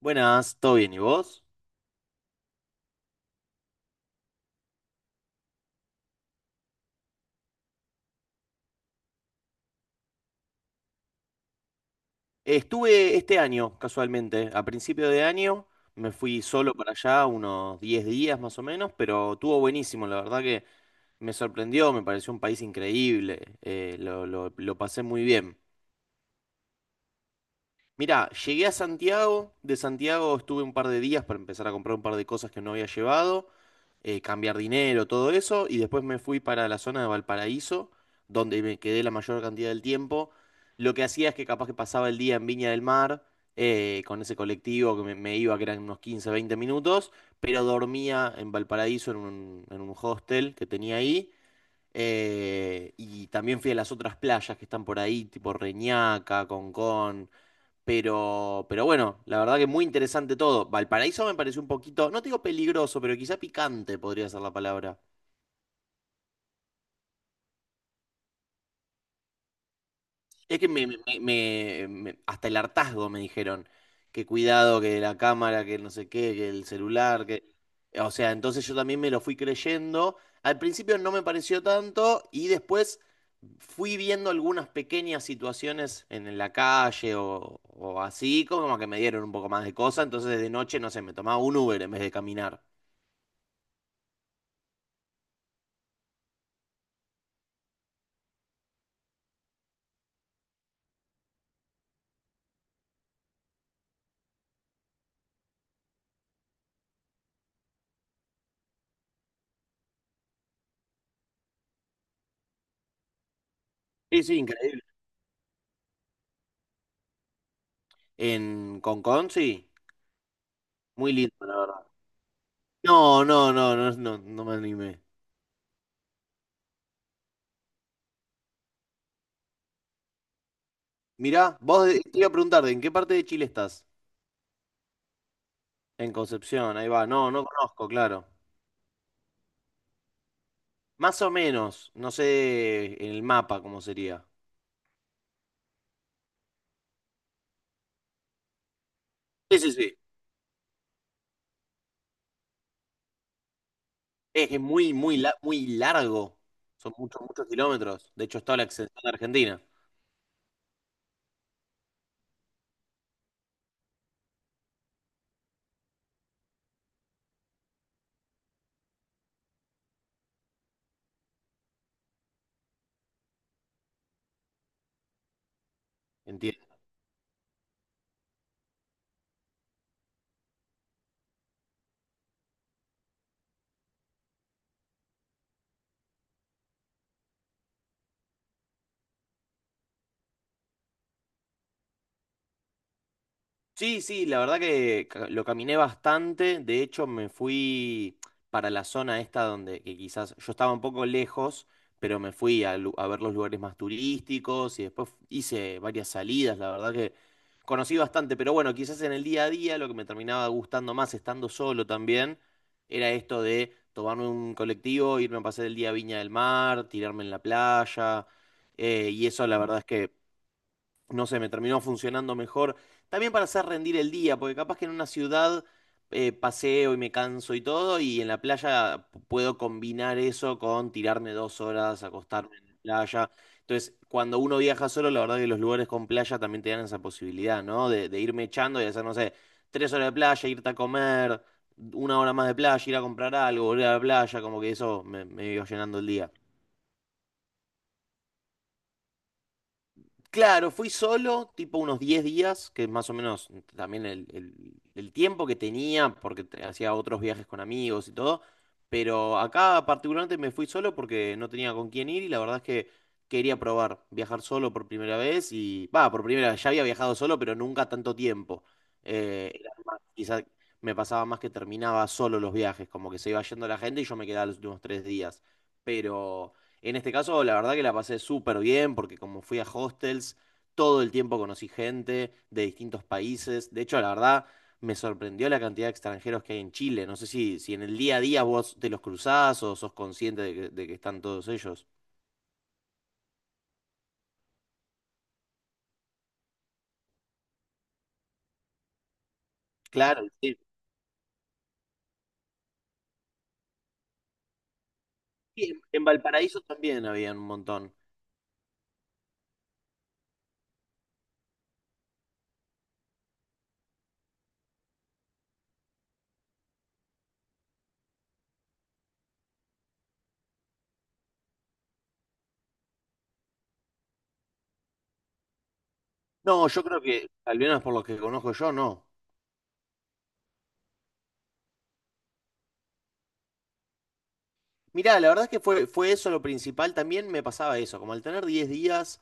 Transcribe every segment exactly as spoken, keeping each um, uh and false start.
Buenas, ¿todo bien? ¿Y vos? Estuve este año, casualmente, a principio de año, me fui solo para allá unos diez días más o menos, pero estuvo buenísimo, la verdad que me sorprendió, me pareció un país increíble, eh, lo, lo- lo pasé muy bien. Mirá, llegué a Santiago, de Santiago estuve un par de días para empezar a comprar un par de cosas que no había llevado, eh, cambiar dinero, todo eso, y después me fui para la zona de Valparaíso, donde me quedé la mayor cantidad del tiempo. Lo que hacía es que capaz que pasaba el día en Viña del Mar, eh, con ese colectivo que me, me iba, que eran unos quince, veinte minutos, pero dormía en Valparaíso en un, en un hostel que tenía ahí. Eh, y también fui a las otras playas que están por ahí, tipo Reñaca, Concón. Pero, pero bueno, la verdad que muy interesante todo. Valparaíso me pareció un poquito, no te digo peligroso, pero quizá picante podría ser la palabra. Es que me, me- me- me- hasta el hartazgo me dijeron que cuidado, que la cámara, que no sé qué, que el celular, que... O sea, entonces yo también me lo fui creyendo. Al principio no me pareció tanto y después fui viendo algunas pequeñas situaciones en la calle o, o así, como que me dieron un poco más de cosa. Entonces de noche, no sé, me tomaba un Uber en vez de caminar. Sí, sí, increíble. En Concón, sí. Muy lindo, la verdad. No, no, no, no, no, no me animé. Mirá, vos de- te iba a preguntar, ¿de ¿en qué parte de Chile estás? En Concepción, ahí va. No, no conozco, claro. Más o menos, no sé en el mapa cómo sería. Sí, sí, sí. Es que es muy, muy, la- muy largo. Son muchos, muchos kilómetros. De hecho, está la extensión de Argentina. Entiendo. Sí, sí, la verdad que ca- lo caminé bastante. De hecho, me fui para la zona esta donde que quizás yo estaba un poco lejos, pero me fui a, lu- a ver los lugares más turísticos y después hice varias salidas. La verdad que conocí bastante, pero bueno, quizás en el día a día lo que me terminaba gustando más estando solo también era esto de tomarme un colectivo, irme a pasar el día a Viña del Mar, tirarme en la playa. Eh, y eso la verdad es que no sé, me terminó funcionando mejor. También para hacer rendir el día, porque capaz que en una ciudad eh, paseo y me canso y todo, y en la playa p- puedo combinar eso con tirarme dos horas, acostarme en la playa. Entonces, cuando uno viaja solo, la verdad que los lugares con playa también te dan esa posibilidad, ¿no? De, de irme echando y hacer, no sé, tres horas de playa, irte a comer, una hora más de playa, ir a comprar algo, volver a la playa, como que eso me, me iba llenando el día. Claro, fui solo, tipo unos diez días, que es más o menos también el, el- el tiempo que tenía, porque te- hacía otros viajes con amigos y todo, pero acá particularmente me fui solo porque no tenía con quién ir y la verdad es que quería probar viajar solo por primera vez y, va, por primera vez, ya había viajado solo, pero nunca tanto tiempo. Eh, era más- quizá me pasaba más que terminaba solo los viajes, como que se iba yendo la gente y yo me quedaba los últimos tres días, pero... En este caso, la verdad que la pasé súper bien porque como fui a hostels, todo el tiempo conocí gente de distintos países. De hecho, la verdad, me sorprendió la cantidad de extranjeros que hay en Chile. No sé si, si en el día a día vos te los cruzás o sos consciente de que, de que están todos ellos. Claro, sí. Sí, en en Valparaíso también había un montón. No, yo creo que, al menos por lo que conozco yo, no. Mirá, la verdad es que fue, fue eso lo principal. También me pasaba eso, como al tener diez días,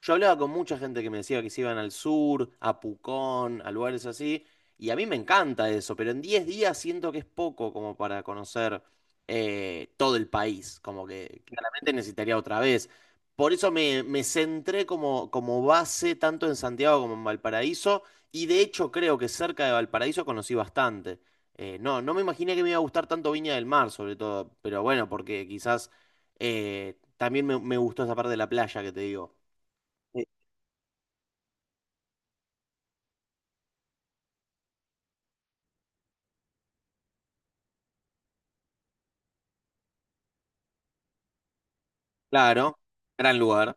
yo hablaba con mucha gente que me decía que se iban al sur, a Pucón, a lugares así, y a mí me encanta eso, pero en diez días siento que es poco como para conocer eh, todo el país, como que claramente necesitaría otra vez. Por eso me, me centré como, como base tanto en Santiago como en Valparaíso, y de hecho creo que cerca de Valparaíso conocí bastante. Eh, no, no me imaginé que me iba a gustar tanto Viña del Mar, sobre todo, pero bueno, porque quizás eh, también me, me gustó esa parte de la playa que te digo. Eh, Claro, gran lugar.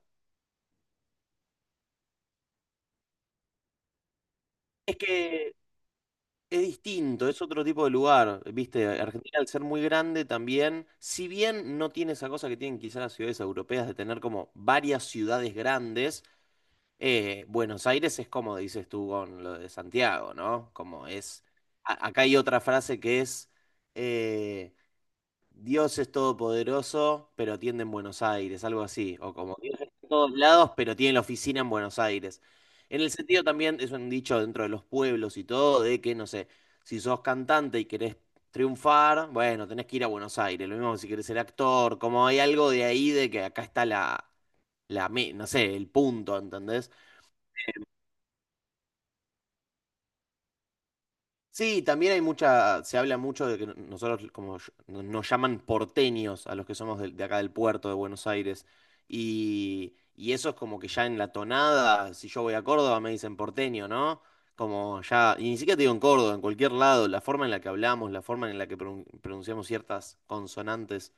Es que es distinto, es otro tipo de lugar, viste, Argentina al ser muy grande también, si bien no tiene esa cosa que tienen quizás las ciudades europeas de tener como varias ciudades grandes, eh, Buenos Aires es como dices tú con lo de Santiago, ¿no? Como es, a- acá hay otra frase que es... eh, Dios es todopoderoso, pero tiende en Buenos Aires, algo así. O como Dios está en todos lados, pero tiene la oficina en Buenos Aires. En el sentido también, es un dicho dentro de los pueblos y todo, de que, no sé, si sos cantante y querés triunfar, bueno, tenés que ir a Buenos Aires. Lo mismo que si querés ser actor, como hay algo de ahí de que acá está la, la, me- no sé, el punto, ¿entendés? Sí, también hay mucha, se habla mucho de que no- nosotros como ll- no- nos llaman porteños a los que somos del- de, acá del puerto de Buenos Aires. Y, y eso es como que ya en la tonada, si yo voy a Córdoba me dicen porteño, ¿no? Como ya, y ni siquiera te digo en Córdoba, en cualquier lado, la forma en la que hablamos, la forma en la que pronun- pronunciamos ciertas consonantes,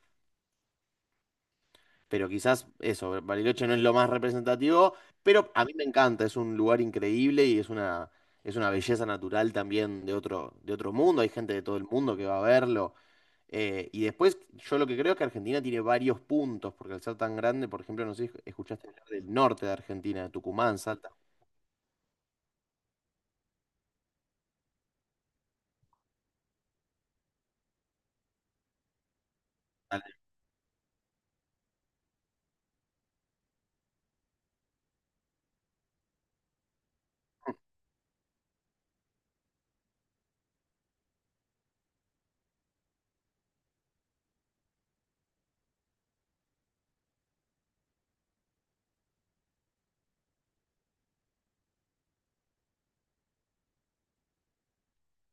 pero quizás eso, Bariloche no es lo más representativo, pero a mí me encanta, es un lugar increíble y es una, es una belleza natural también de otro, de otro mundo, hay gente de todo el mundo que va a verlo. Eh, y después, yo lo que creo es que Argentina tiene varios puntos, porque al ser tan grande, por ejemplo, no sé si escuchaste hablar del norte de Argentina, de Tucumán, Salta.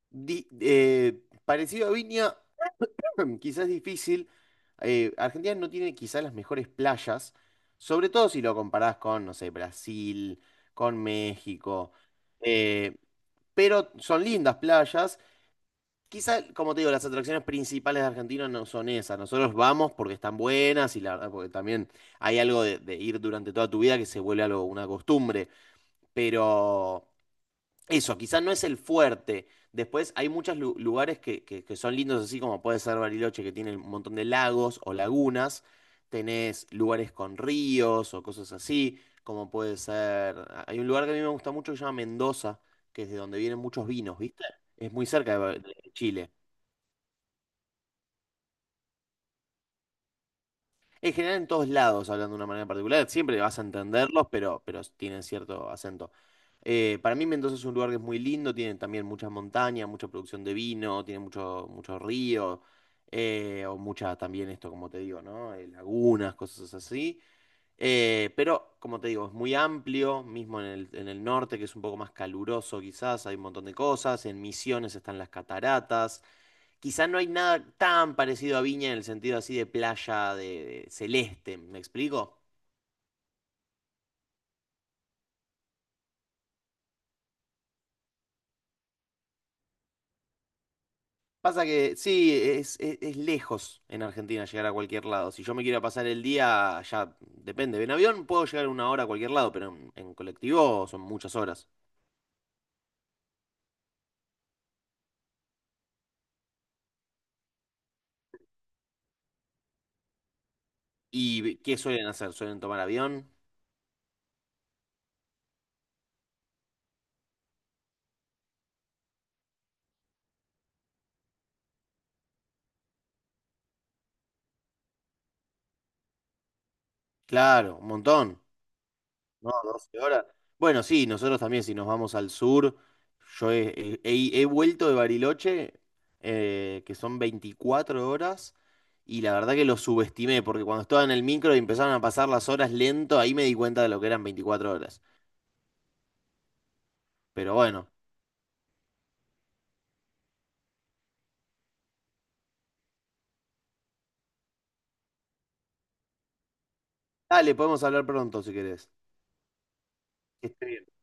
Di- eh, parecido a Viña, quizás es difícil. Eh, Argentina no tiene quizás las mejores playas, sobre todo si lo comparás con, no sé, Brasil, con México. Eh, pero son lindas playas. Quizás, como te digo, las atracciones principales de Argentina no son esas. Nosotros vamos porque están buenas y la verdad, porque también hay algo de, de ir durante toda tu vida que se vuelve algo, una costumbre. Pero eso, quizás no es el fuerte. Después hay muchos lu- lugares que, que- que son lindos, así como puede ser Bariloche, que tiene un montón de lagos o lagunas. Tenés lugares con ríos o cosas así, como puede ser... a- Hay un lugar que a mí me gusta mucho que se llama Mendoza, que es de donde vienen muchos vinos, ¿viste? Es muy cerca de, Ba- de Chile. En general, en todos lados, hablando de una manera particular, siempre vas a entenderlos, pero, pero tienen cierto acento. Eh, para mí Mendoza es un lugar que es muy lindo, tiene también muchas montañas, mucha producción de vino, tiene mucho, mucho río, eh, o muchas también esto, como te digo, ¿no? Eh, lagunas, cosas así. Eh, pero, como te digo, es muy amplio, mismo en el, en el norte, que es un poco más caluroso quizás, hay un montón de cosas, en Misiones están las cataratas, quizás no hay nada tan parecido a Viña en el sentido así de playa, de, de celeste, ¿me explico? Pasa que sí, es, es- es lejos en Argentina llegar a cualquier lado. Si yo me quiero pasar el día, ya depende. En avión puedo llegar una hora a cualquier lado, pero en, en colectivo son muchas horas. ¿Y qué suelen hacer? ¿Suelen tomar avión? Claro, un montón. No, doce horas. Bueno, sí, nosotros también, si nos vamos al sur, yo he, he- he vuelto de Bariloche, eh, que son veinticuatro horas, y la verdad que lo subestimé, porque cuando estaba en el micro y empezaron a pasar las horas lento, ahí me di cuenta de lo que eran veinticuatro horas. Pero bueno, dale, podemos hablar pronto si querés. Que estés bien.